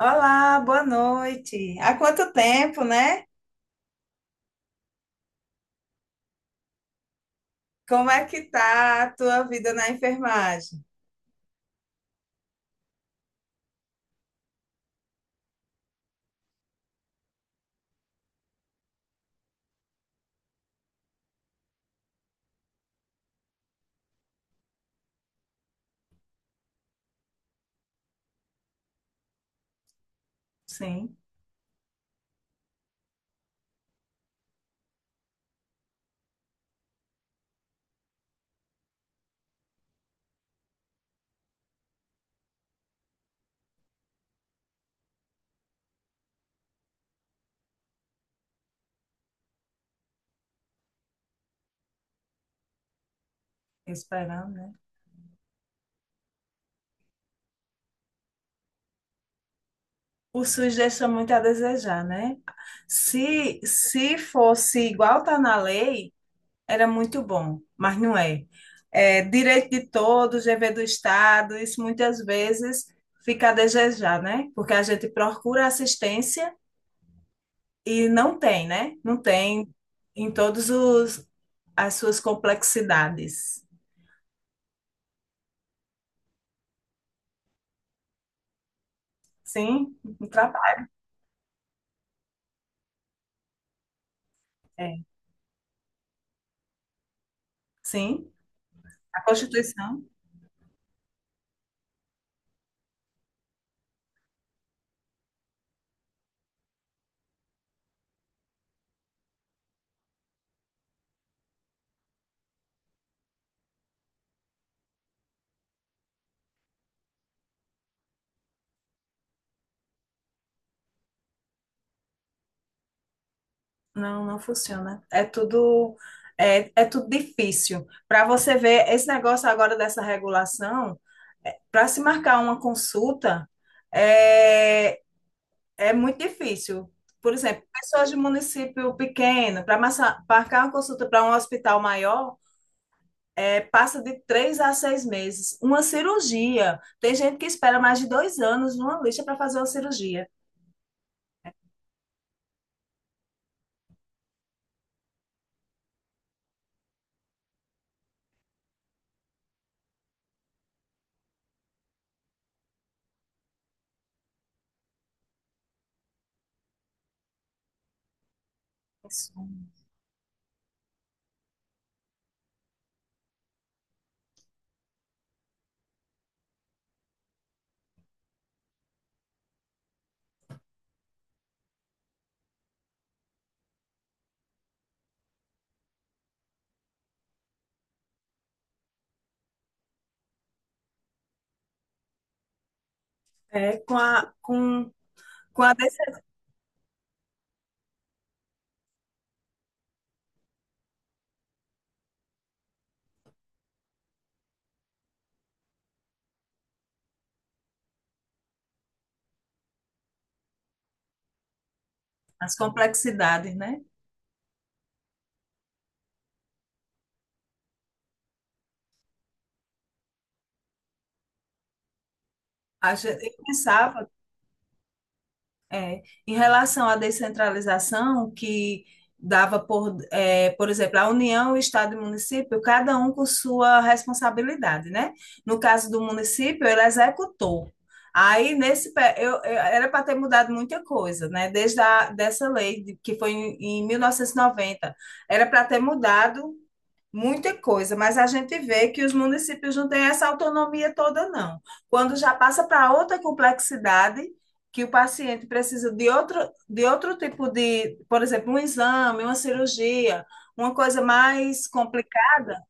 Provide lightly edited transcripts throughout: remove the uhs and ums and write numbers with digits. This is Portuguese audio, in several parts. Olá, boa noite. Há quanto tempo, né? Como é que tá a tua vida na enfermagem? Sim, esperando, né? O SUS deixa muito a desejar, né? Se fosse igual tá na lei, era muito bom, mas não é. É direito de todos, dever do Estado, isso muitas vezes fica a desejar, né? Porque a gente procura assistência e não tem, né? Não tem em todos os as suas complexidades. Sim, ultrapassa. É. Sim, a Constituição não funciona. É tudo é tudo difícil. Para você ver esse negócio agora dessa regulação, para se marcar uma consulta é, é muito difícil. Por exemplo, pessoas de município pequeno, para marcar uma consulta para um hospital maior, é, passa de três a seis meses. Uma cirurgia. Tem gente que espera mais de dois anos numa lista para fazer uma cirurgia. Isso. É, com a, com, com a dessas complexidades, né? A gente, eu pensava é, em relação à descentralização, que dava por, é, por exemplo, a União, o Estado e o município, cada um com sua responsabilidade, né? No caso do município, ele executou. Aí, nesse, era para ter mudado muita coisa, né? Desde a, dessa lei que foi em 1990, era para ter mudado muita coisa, mas a gente vê que os municípios não têm essa autonomia toda, não. Quando já passa para outra complexidade, que o paciente precisa de outro tipo de, por exemplo, um exame, uma cirurgia, uma coisa mais complicada,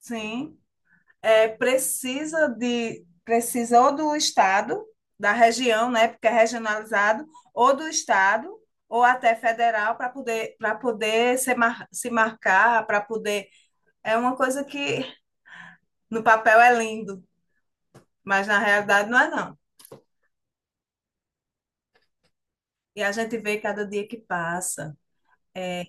sim, é, precisa de, precisa ou do estado, da região, né, porque é regionalizado, ou do estado, ou até federal, para poder, se marcar, para poder é uma coisa que no papel é lindo, mas na realidade não é não. E a gente vê cada dia que passa. É,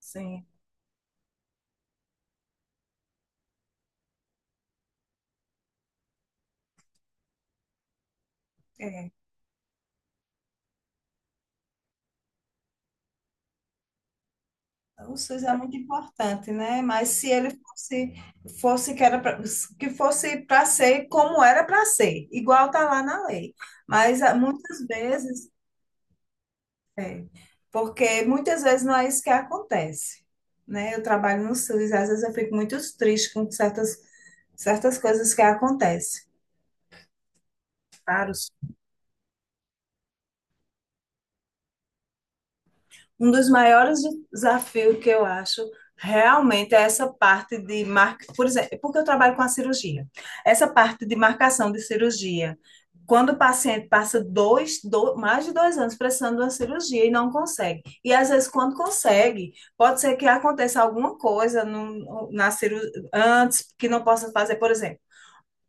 sim, é. O SUS é muito importante, né? Mas se ele fosse, fosse que era pra, que fosse para ser como era para ser, igual tá lá na lei. Mas ah, muitas vezes, é, porque muitas vezes não é isso que acontece, né? Eu trabalho no SUS, às vezes eu fico muito triste com certas coisas que acontecem. Para Claro, um dos maiores desafios que eu acho realmente é essa parte de marca, por exemplo, porque eu trabalho com a cirurgia. Essa parte de marcação de cirurgia. Quando o paciente passa mais de dois anos precisando de uma cirurgia e não consegue. E às vezes, quando consegue, pode ser que aconteça alguma coisa no, na ciru, antes que não possa fazer, por exemplo.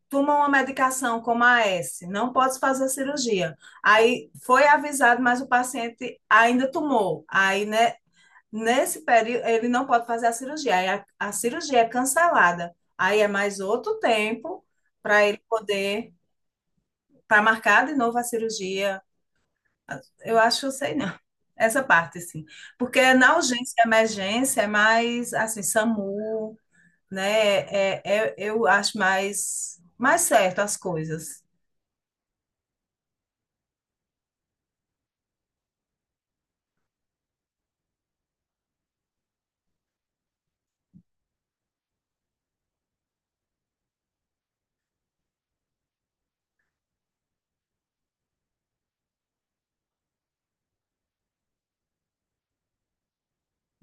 Toma uma medicação como a S, não pode fazer a cirurgia. Aí foi avisado, mas o paciente ainda tomou. Aí, né, nesse período, ele não pode fazer a cirurgia. Aí a cirurgia é cancelada. Aí é mais outro tempo para ele poder, para marcar de novo a cirurgia. Eu acho, eu sei não. Essa parte, assim. Porque na urgência e emergência é mais, assim, SAMU, né? Eu acho mais, mais certo as coisas.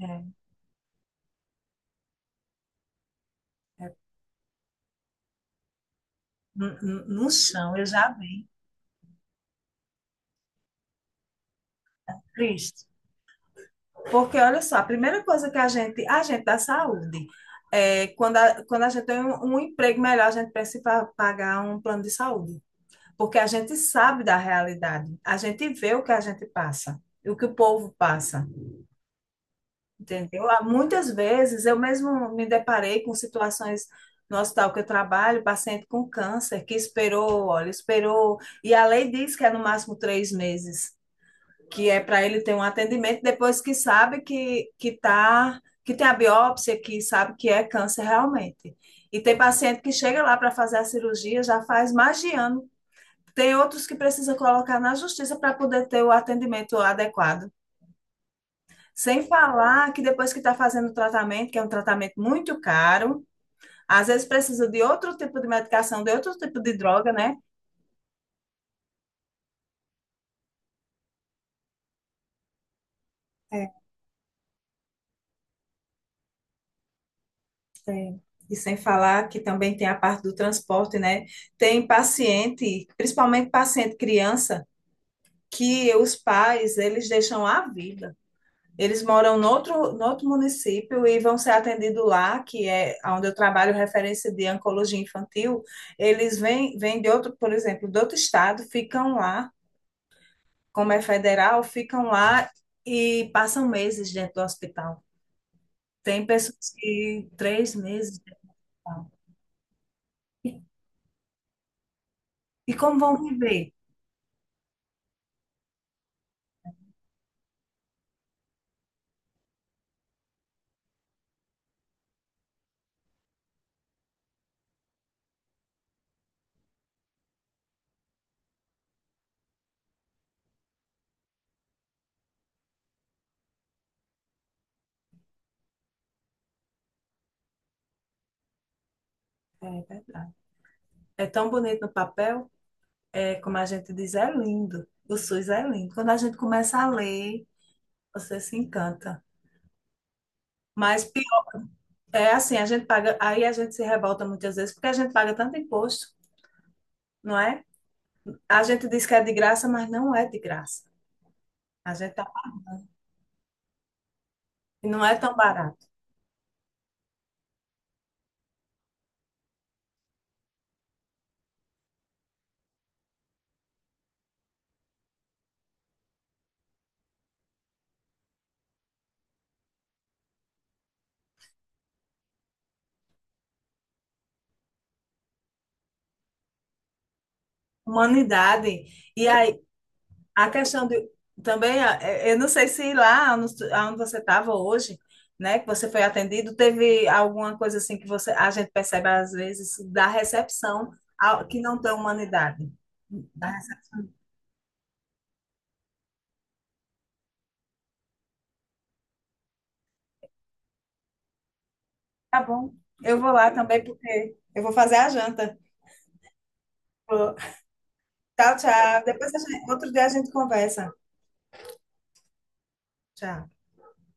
É, é, no chão, eu já vi. Triste. Porque, olha só, a primeira coisa que a gente da saúde, é, quando, a, quando a gente tem um, um emprego melhor, a gente precisa pagar um plano de saúde. Porque a gente sabe da realidade, a gente vê o que a gente passa, e o que o povo passa, entendeu? Há muitas vezes eu mesmo me deparei com situações no hospital que eu trabalho, paciente com câncer, que esperou, olha, esperou, e a lei diz que é no máximo três meses que é para ele ter um atendimento depois que sabe que, tá, que tem a biópsia, que sabe que é câncer realmente. E tem paciente que chega lá para fazer a cirurgia, já faz mais de ano. Tem outros que precisa colocar na justiça para poder ter o atendimento adequado. Sem falar que depois que está fazendo o tratamento, que é um tratamento muito caro, às vezes precisa de outro tipo de medicação, de outro tipo de droga, né? É. Tem. E sem falar que também tem a parte do transporte, né? Tem paciente, principalmente paciente criança, que os pais, eles deixam a vida. Eles moram no outro, no outro município e vão ser atendidos lá, que é onde eu trabalho, referência de oncologia infantil. Eles vêm de outro, por exemplo, de outro estado, ficam lá, como é federal, ficam lá e passam meses dentro do hospital. Tem pessoas que três meses. E tal. E como vão viver? É verdade. É tão bonito no papel, é como a gente diz, é lindo. O SUS é lindo. Quando a gente começa a ler, você se encanta. Mas pior, é assim, a gente paga, aí a gente se revolta muitas vezes porque a gente paga tanto imposto, não é? A gente diz que é de graça, mas não é de graça. A gente tá- não é tão barato. Humanidade. E aí, a questão de também, eu não sei se lá onde onde você estava hoje, né, que você foi atendido, teve alguma coisa assim que você, a gente percebe às vezes da recepção que não tem humanidade. Da rece- Tá bom. Eu vou lá também porque eu vou fazer a janta. Vou. Tchau, tchau. Outro dia a gente conversa. Tchau.